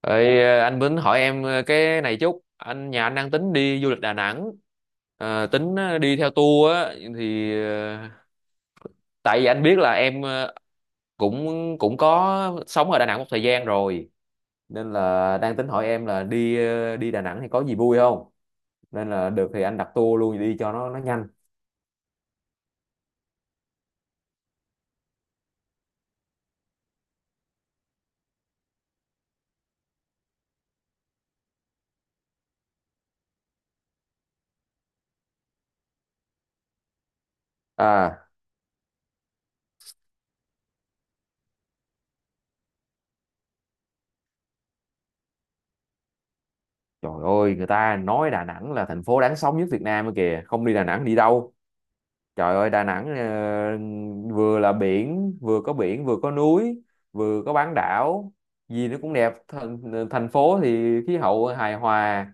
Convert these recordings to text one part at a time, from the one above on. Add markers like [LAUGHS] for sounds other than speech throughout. Ê, anh Bính hỏi em, cái này chút anh nhà anh đang tính đi du lịch Đà Nẵng. Ờ, tính đi theo tour á. thì ờ, Tại vì anh biết là em, cũng cũng có sống ở Đà Nẵng một thời gian rồi, nên là đang tính hỏi em là đi đi Đà Nẵng thì có gì vui không. Nên là được thì anh đặt tour luôn đi cho nó nhanh. À, trời ơi, người ta nói Đà Nẵng là thành phố đáng sống nhất Việt Nam ấy kìa, không đi Đà Nẵng đi đâu. Trời ơi, Đà Nẵng vừa có biển, vừa có núi, vừa có bán đảo, gì nó cũng đẹp. Thành phố thì khí hậu hài hòa,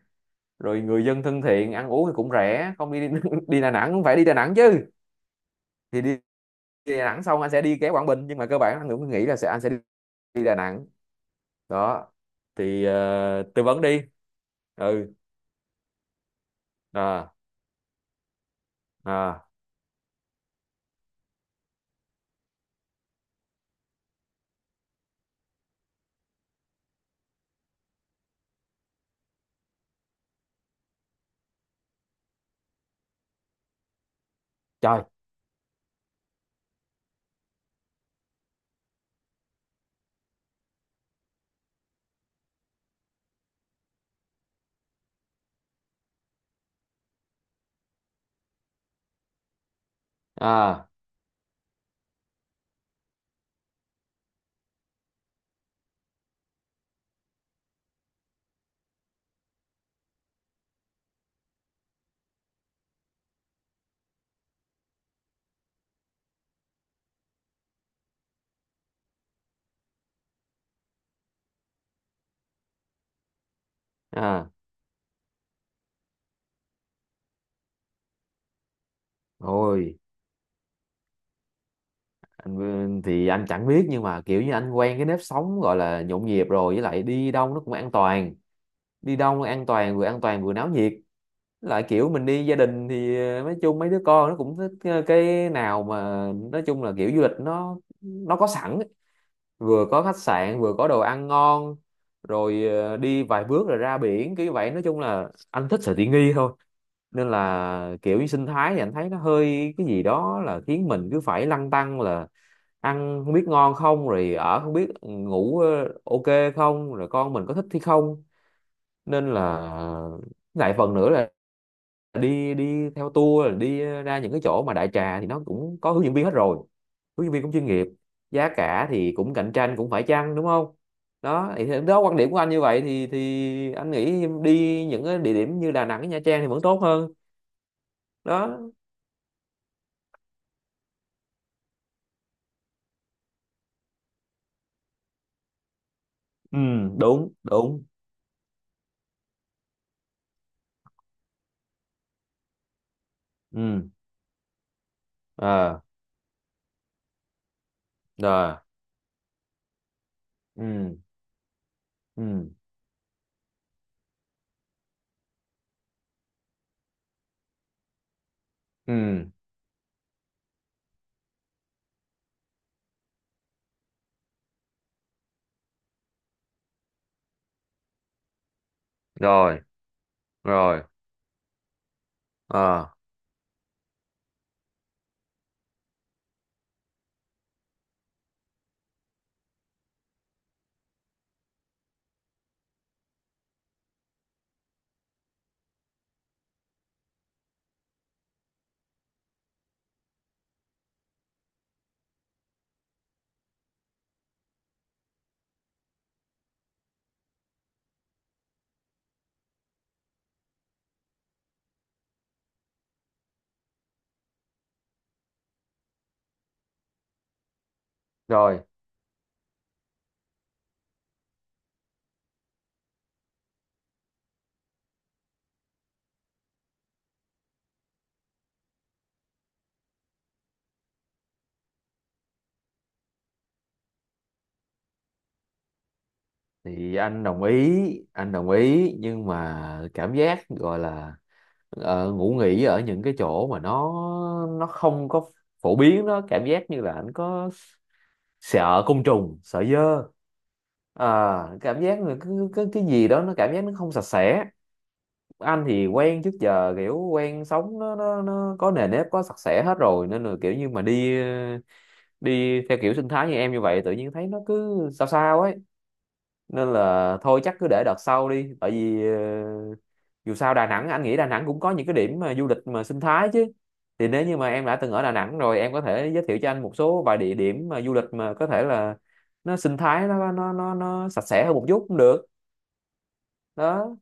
rồi người dân thân thiện, ăn uống thì cũng rẻ. Không đi [LAUGHS] đi Đà Nẵng cũng phải đi Đà Nẵng chứ. Thì đi, Đi Đà Nẵng xong anh sẽ đi ghé Quảng Bình, nhưng mà cơ bản anh cũng nghĩ là sẽ anh sẽ đi, đi Đà Nẵng. Đó. Tư vấn đi. Ừ. À. À, trời. À. À. Ôi. Anh thì anh chẳng biết, nhưng mà kiểu như anh quen cái nếp sống gọi là nhộn nhịp rồi, với lại đi đâu nó cũng an toàn, đi đâu nó an toàn, vừa an toàn vừa náo nhiệt. Với lại kiểu mình đi gia đình thì, nói chung mấy đứa con nó cũng thích, cái nào mà nói chung là kiểu du lịch nó có sẵn ấy. Vừa có khách sạn, vừa có đồ ăn ngon, rồi đi vài bước rồi ra biển kiểu vậy, nói chung là anh thích sự tiện nghi thôi. Nên là kiểu như sinh thái thì anh thấy nó hơi cái gì đó, là khiến mình cứ phải lăn tăn là ăn không biết ngon không, rồi ở không biết, ừ, ngủ, ok không, rồi con mình có thích hay không. Nên là lại phần nữa là đi đi theo tour là đi ra những cái chỗ mà đại trà thì nó cũng có hướng dẫn viên hết rồi, hướng dẫn viên cũng chuyên nghiệp, giá cả thì cũng cạnh tranh cũng phải chăng, đúng không. Đó đó quan điểm của anh như vậy, thì anh nghĩ đi những cái địa điểm như Đà Nẵng với Nha Trang thì vẫn tốt hơn. Đó. Ừ. Đúng đúng. Ừ. Ờ. Rồi. Ừ. Ừ. Ừ. Rồi. Rồi. Ờ. Rồi. Thì anh đồng ý, anh đồng ý, nhưng mà cảm giác gọi là, ngủ nghỉ ở những cái chỗ mà nó không có phổ biến đó, cảm giác như là anh có sợ côn trùng, sợ dơ. À, cảm giác là cứ cái gì đó nó cảm giác nó không sạch sẽ. Anh thì quen trước giờ kiểu quen sống nó có nề nếp, có sạch sẽ hết rồi, nên là kiểu như mà đi, đi theo kiểu sinh thái như em như vậy tự nhiên thấy nó cứ sao sao ấy. Nên là thôi chắc cứ để đợt sau đi, tại vì dù sao Đà Nẵng, anh nghĩ Đà Nẵng cũng có những cái điểm mà du lịch mà sinh thái chứ. Thì nếu như mà em đã từng ở Đà Nẵng rồi, em có thể giới thiệu cho anh một số vài địa điểm mà du lịch mà có thể là nó sinh thái, nó sạch sẽ hơn một chút cũng được. Đó.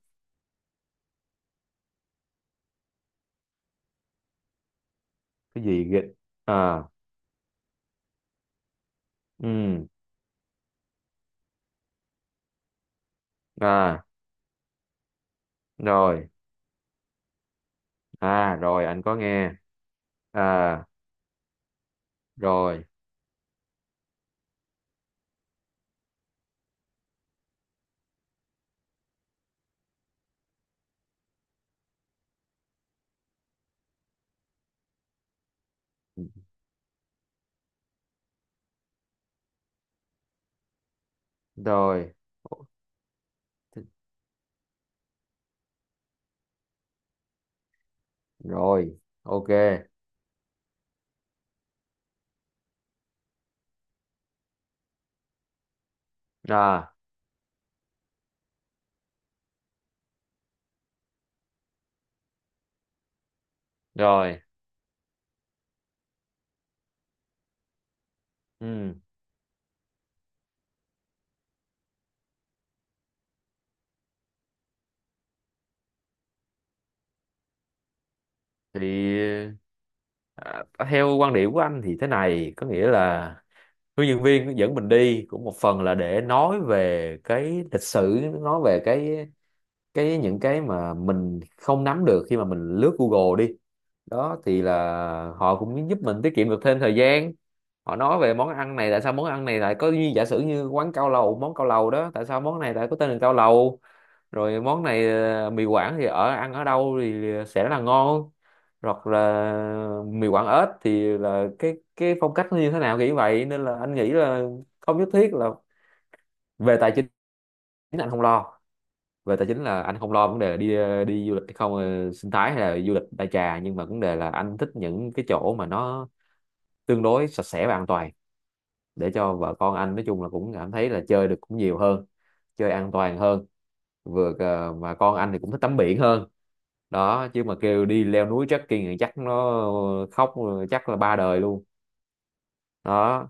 Cái gì ghê. À. Ừ. À. Rồi. À. Rồi anh có nghe. À. Rồi. Rồi. Rồi. Ok. À. Rồi. Ừ. Thì, à, theo quan điểm của anh thì thế này, có nghĩa là hướng dẫn viên dẫn mình đi cũng một phần là để nói về cái lịch sử, nói về cái những cái mà mình không nắm được khi mà mình lướt Google đi. Đó thì là họ cũng giúp mình tiết kiệm được thêm thời gian. Họ nói về món ăn này, tại sao món ăn này lại có, như giả sử như quán cao lầu, món cao lầu đó tại sao món này lại có tên là cao lầu, rồi món này, mì Quảng thì ở ăn ở đâu thì sẽ là ngon, hoặc là mì Quảng ếch thì là cái phong cách nó như thế nào kiểu vậy. Nên là anh nghĩ là không nhất thiết là về tài chính, anh không lo. Về tài chính là anh không lo vấn đề đi, đi du lịch hay không, sinh thái hay là du lịch đại trà, nhưng mà vấn đề là anh thích những cái chỗ mà nó tương đối sạch sẽ và an toàn để cho vợ con anh nói chung là cũng cảm thấy là chơi được cũng nhiều hơn, chơi an toàn hơn. Mà con anh thì cũng thích tắm biển hơn đó, chứ mà kêu đi leo núi trekking thì chắc nó khóc, chắc là ba đời luôn. Đó.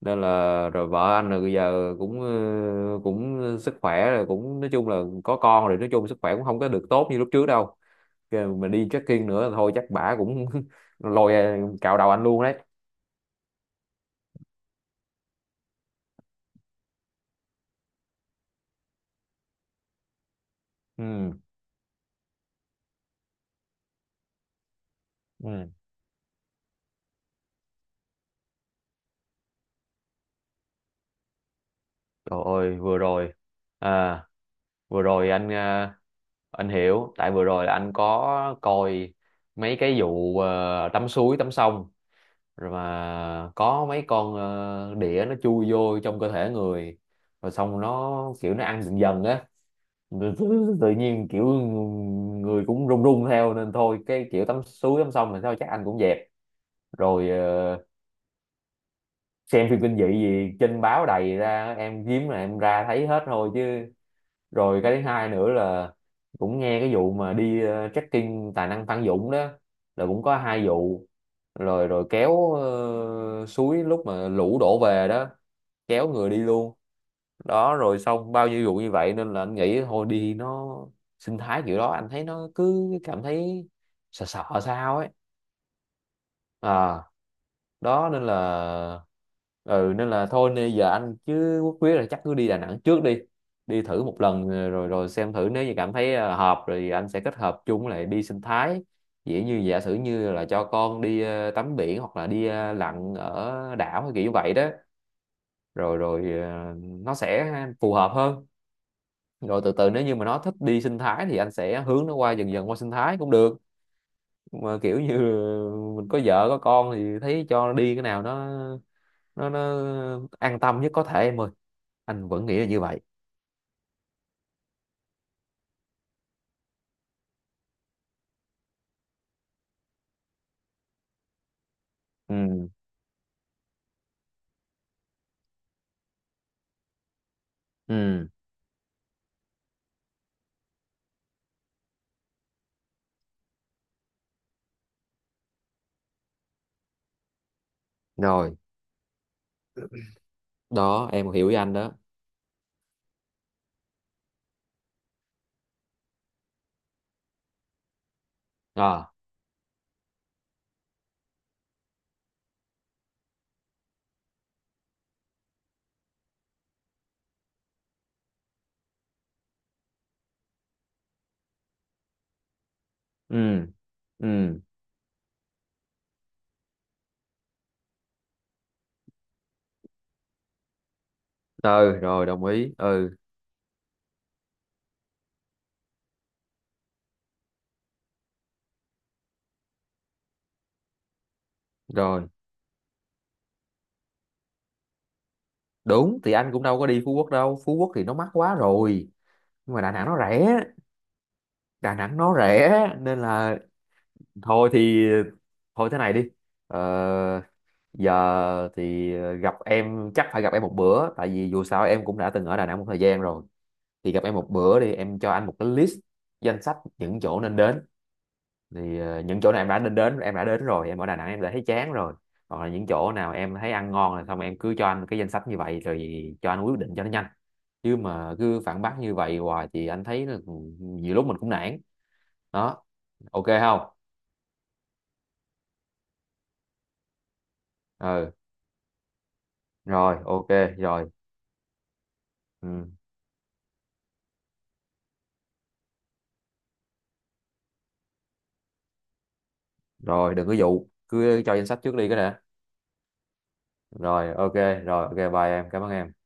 Nên là rồi vợ anh là bây giờ cũng, cũng sức khỏe rồi, cũng nói chung là có con rồi, nói chung sức khỏe cũng không có được tốt như lúc trước đâu. Kêu mà đi trekking nữa thôi chắc bả cũng [LAUGHS] lôi, cạo đầu anh luôn đấy. Ừ. Ừ. Trời ơi vừa rồi. À. Vừa rồi anh, anh hiểu, tại vừa rồi là anh có coi mấy cái vụ, tắm suối tắm sông, rồi mà có mấy con, đĩa nó chui vô trong cơ thể người, rồi xong nó kiểu nó ăn dần dần á. Rồi tự tự nhiên kiểu người cũng run run theo, nên thôi cái kiểu tắm suối tắm sông thì sao chắc anh cũng dẹp. Rồi, xem phim kinh dị gì trên báo đầy ra em, kiếm là em ra thấy hết thôi chứ. Rồi cái thứ hai nữa là cũng nghe cái vụ mà đi, trekking tài năng Phan Dũng đó là cũng có hai vụ. Rồi Rồi kéo, suối lúc mà lũ đổ về đó kéo người đi luôn đó. Rồi xong bao nhiêu vụ như vậy, nên là anh nghĩ thôi đi nó sinh thái kiểu đó anh thấy nó cứ cảm thấy sợ sợ sao ấy. À. Đó nên là. Ừ, nên là thôi, nên giờ anh chứ Quốc quyết là chắc cứ đi Đà Nẵng trước đi, đi thử một lần, rồi rồi xem thử nếu như cảm thấy, hợp rồi anh sẽ kết hợp chung với lại đi sinh thái, dĩ như giả sử như là cho con đi, tắm biển hoặc là đi, lặn ở đảo hay kiểu như vậy đó. Rồi rồi ờ, Nó sẽ phù hợp hơn. Rồi từ từ nếu như mà nó thích đi sinh thái thì anh sẽ hướng nó qua, dần dần qua sinh thái cũng được. Mà kiểu như mình có vợ có con thì thấy cho nó đi cái nào nó an tâm nhất có thể em ơi. Anh vẫn nghĩ là như vậy. Ừ. Ừ. Rồi. Đó em hiểu với anh đó. À. Ừ. Ừ. Ừ. Rồi đồng ý. Ừ. Rồi đúng, thì anh cũng đâu có đi Phú Quốc đâu, Phú Quốc thì nó mắc quá rồi. Nhưng mà Đà Nẵng nó rẻ, Đà Nẵng nó rẻ. Nên là thôi thì, thôi thế này đi, ờ, giờ thì, gặp em chắc phải gặp em một bữa, tại vì dù sao em cũng đã từng ở Đà Nẵng một thời gian rồi. Thì gặp em một bữa đi, em cho anh một cái list, danh sách những chỗ nên đến. Thì, những chỗ nào em đã nên đến, em đã đến rồi em ở Đà Nẵng em đã thấy chán rồi, hoặc là những chỗ nào em thấy ăn ngon rồi, xong em cứ cho anh cái danh sách như vậy rồi cho anh quyết định cho nó nhanh. Chứ mà cứ phản bác như vậy hoài thì anh thấy là nhiều lúc mình cũng nản. Đó. Ok không. Ừ. Rồi ok. Rồi. Ừ. Rồi đừng có dụ, cứ cho danh sách trước đi cái nè. Rồi ok. Rồi ok, bye em, cảm ơn em.